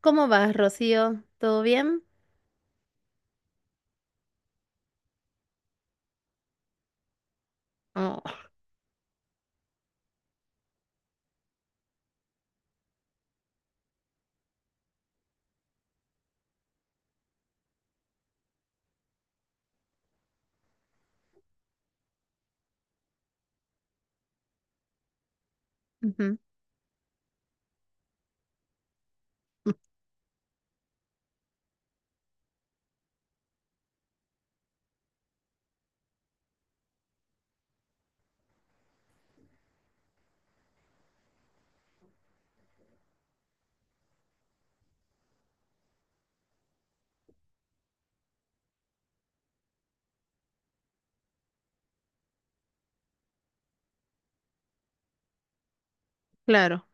¿Cómo vas, Rocío? ¿Todo bien? Oh. Ujú. Claro.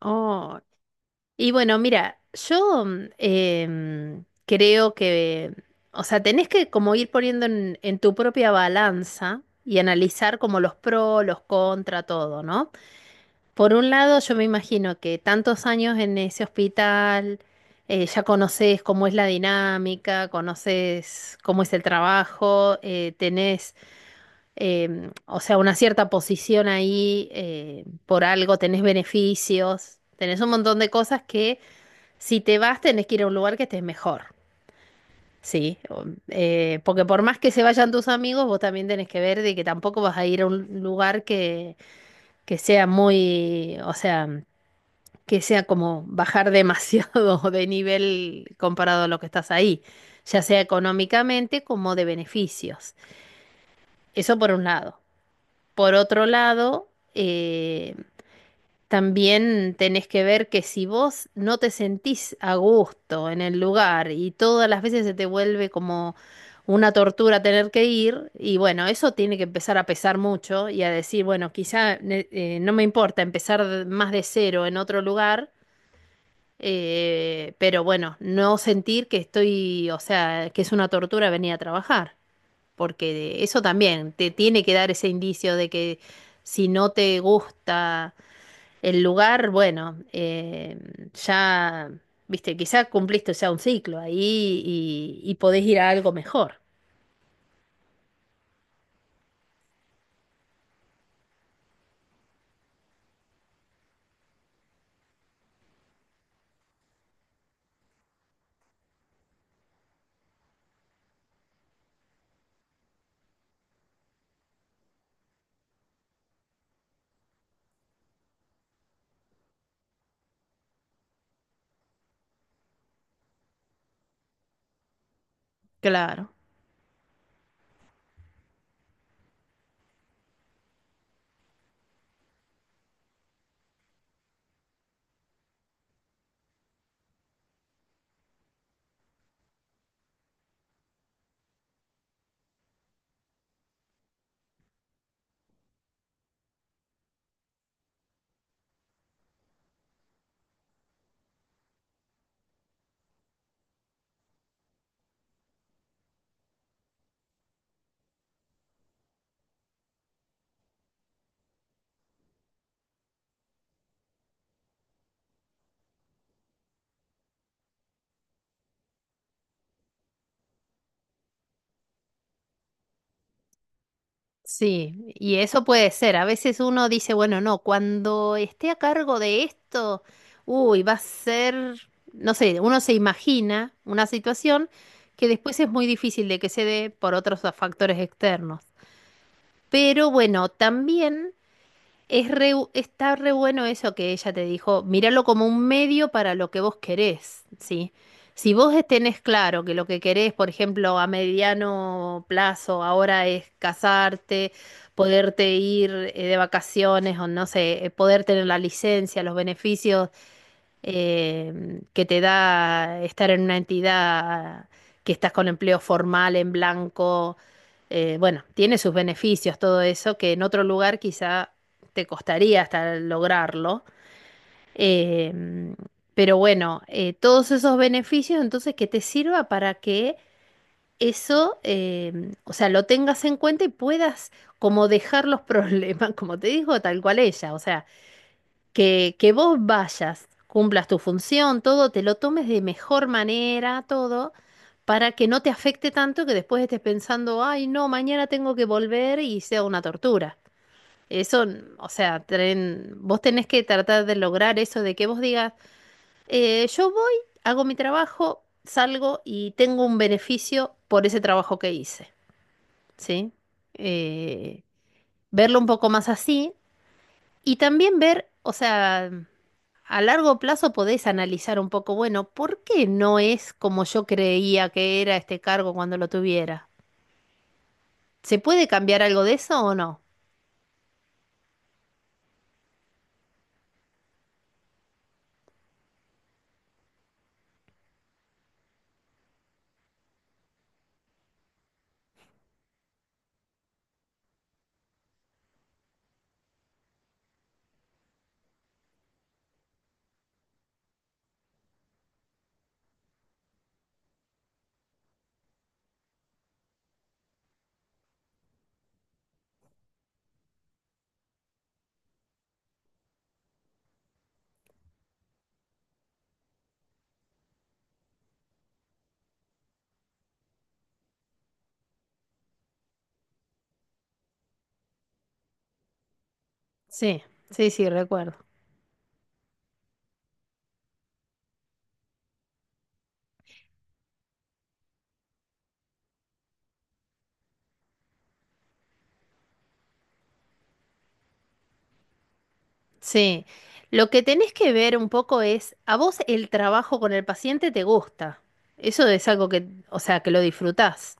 Oh, y bueno, mira, yo creo que, o sea, tenés que como ir poniendo en tu propia balanza y analizar como los pros, los contra, todo, ¿no? Por un lado, yo me imagino que tantos años en ese hospital, ya conoces cómo es la dinámica, conoces cómo es el trabajo, tenés o sea, una cierta posición ahí, por algo tenés beneficios, tenés un montón de cosas que si te vas tenés que ir a un lugar que estés mejor, ¿sí? Porque por más que se vayan tus amigos, vos también tenés que ver de que tampoco vas a ir a un lugar que sea muy, o sea, que sea como bajar demasiado de nivel comparado a lo que estás ahí, ya sea económicamente como de beneficios. Eso por un lado. Por otro lado, también tenés que ver que si vos no te sentís a gusto en el lugar y todas las veces se te vuelve como una tortura tener que ir, y bueno, eso tiene que empezar a pesar mucho y a decir, bueno, quizá no me importa empezar más de cero en otro lugar, pero bueno, no sentir que estoy, o sea, que es una tortura venir a trabajar porque eso también te tiene que dar ese indicio de que si no te gusta el lugar, bueno, ya, viste, quizá cumpliste ya un ciclo ahí y podés ir a algo mejor. Claro. Sí, y eso puede ser. A veces uno dice, bueno, no, cuando esté a cargo de esto, uy, va a ser, no sé, uno se imagina una situación que después es muy difícil de que se dé por otros factores externos. Pero bueno, también está re bueno eso que ella te dijo, míralo como un medio para lo que vos querés, ¿sí? Si vos tenés claro que lo que querés, por ejemplo, a mediano plazo ahora es casarte, poderte ir de vacaciones o no sé, poder tener la licencia, los beneficios que te da estar en una entidad que estás con empleo formal, en blanco. Bueno, tiene sus beneficios todo eso, que en otro lugar quizá te costaría hasta lograrlo. Eh, pero bueno, todos esos beneficios, entonces, que te sirva para que eso, o sea, lo tengas en cuenta y puedas como dejar los problemas, como te dijo, tal cual ella, o sea que vos vayas, cumplas tu función, todo, te lo tomes de mejor manera, todo, para que no te afecte tanto que después estés pensando, ay, no, mañana tengo que volver y sea una tortura. Eso, o sea, vos tenés que tratar de lograr eso de que vos digas, yo voy, hago mi trabajo, salgo y tengo un beneficio por ese trabajo que hice, ¿sí? Eh, Verlo un poco más así y también ver, o sea... A largo plazo podés analizar un poco, bueno, ¿por qué no es como yo creía que era este cargo cuando lo tuviera? ¿Se puede cambiar algo de eso o no? Sí, sí, sí, recuerdo. Sí. Lo que tenés que ver un poco es, ¿a vos el trabajo con el paciente te gusta? Eso es algo que, o sea, que lo disfrutás.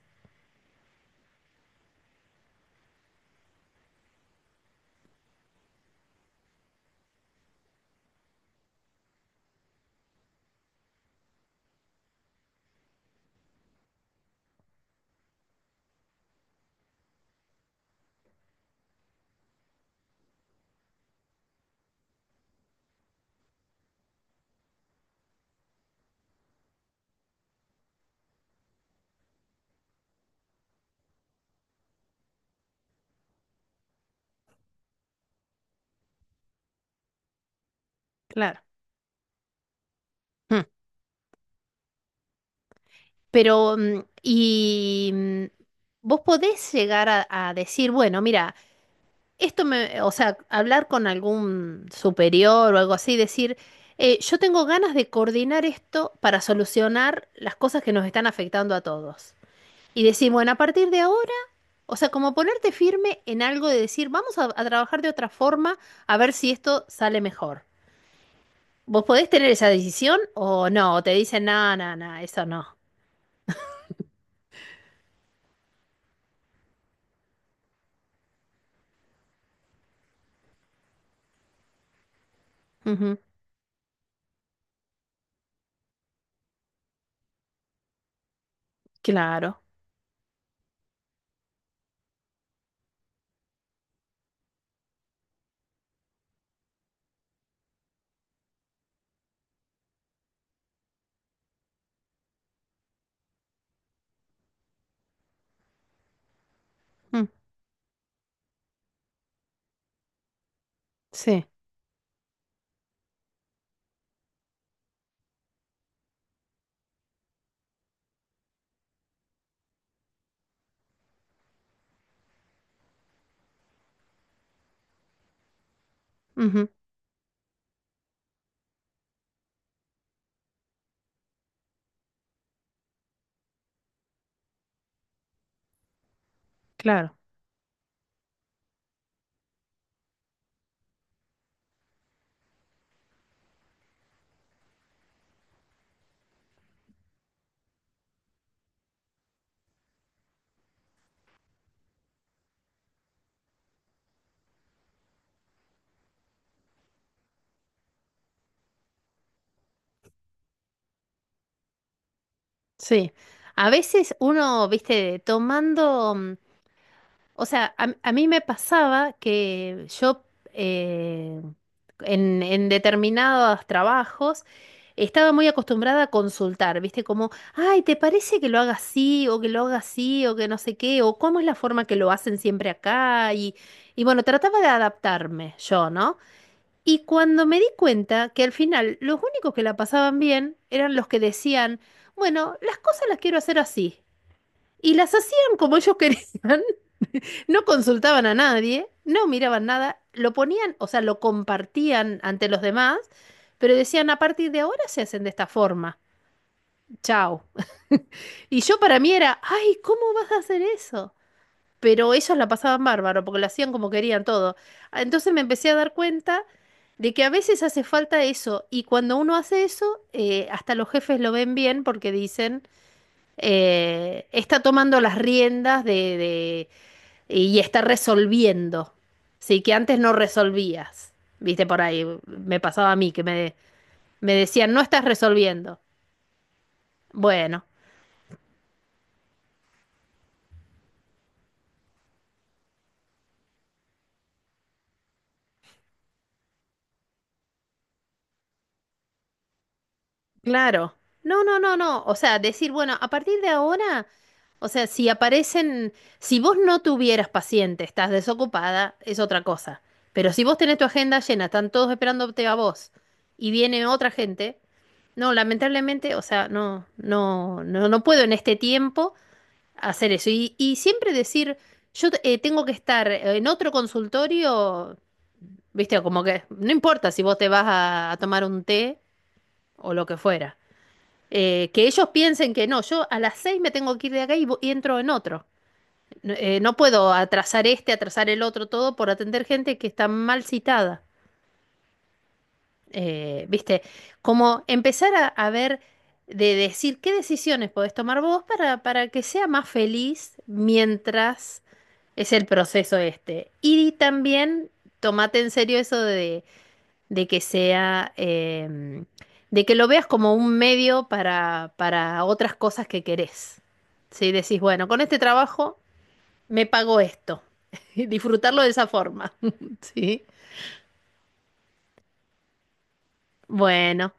Claro. Mm. Pero, vos podés llegar a decir, bueno, mira, esto me, o sea, hablar con algún superior o algo así, decir, yo tengo ganas de coordinar esto para solucionar las cosas que nos están afectando a todos. Y decir, bueno, a partir de ahora, o sea, como ponerte firme en algo de decir, vamos a trabajar de otra forma a ver si esto sale mejor. ¿Vos podés tener esa decisión o no? O te dicen, no, no, no, eso no. Ujú. Claro. Mm, sí. Ujú. Claro. Sí. A veces uno, viste, tomando... O sea, a mí me pasaba que yo eh, en determinados trabajos estaba muy acostumbrada a consultar, ¿viste? Como, ay, ¿te parece que lo haga así o que lo haga así o que no sé qué? ¿O cómo es la forma que lo hacen siempre acá? Y bueno, trataba de adaptarme yo, ¿no? Y cuando me di cuenta que al final los únicos que la pasaban bien eran los que decían, bueno, las cosas las quiero hacer así. Y las hacían como ellos querían, no consultaban a nadie, no miraban nada, lo ponían, o sea, lo compartían ante los demás, pero decían, a partir de ahora se hacen de esta forma. Chao. Y yo para mí era, ay, ¿cómo vas a hacer eso? Pero ellos la pasaban bárbaro, porque lo hacían como querían todo. Ah. Entonces me empecé a dar cuenta de que a veces hace falta eso, y cuando uno hace eso, hasta los jefes lo ven bien porque dicen, está tomando las riendas y está resolviendo, ¿sí? Que antes no resolvías, viste, por ahí me pasaba a mí que me decían, no estás resolviendo. Bueno, claro. No, no, no, no. O sea, decir, bueno, a partir de ahora, o sea, si aparecen, si vos no tuvieras paciente, estás desocupada, es otra cosa. Pero si vos tenés tu agenda llena, están todos esperándote a vos y viene otra gente, no, lamentablemente, o sea, no, no, no, no puedo en este tiempo hacer eso. Y siempre decir, yo tengo que estar en otro consultorio, viste, como que no importa si vos te vas a tomar un té o lo que fuera. Que ellos piensen que no, yo a las 6 me tengo que ir de acá y entro en otro. No, no puedo atrasar este, atrasar el otro, todo por atender gente que está mal citada. Viste, como empezar a ver, de decir qué decisiones podés tomar vos para que sea más feliz mientras. Es el proceso este. Y también tomate en serio eso de que sea, de que lo veas como un medio para otras cosas que querés. Si decís, bueno, con este trabajo me pago esto. Y disfrutarlo de esa forma. Sí. Bueno,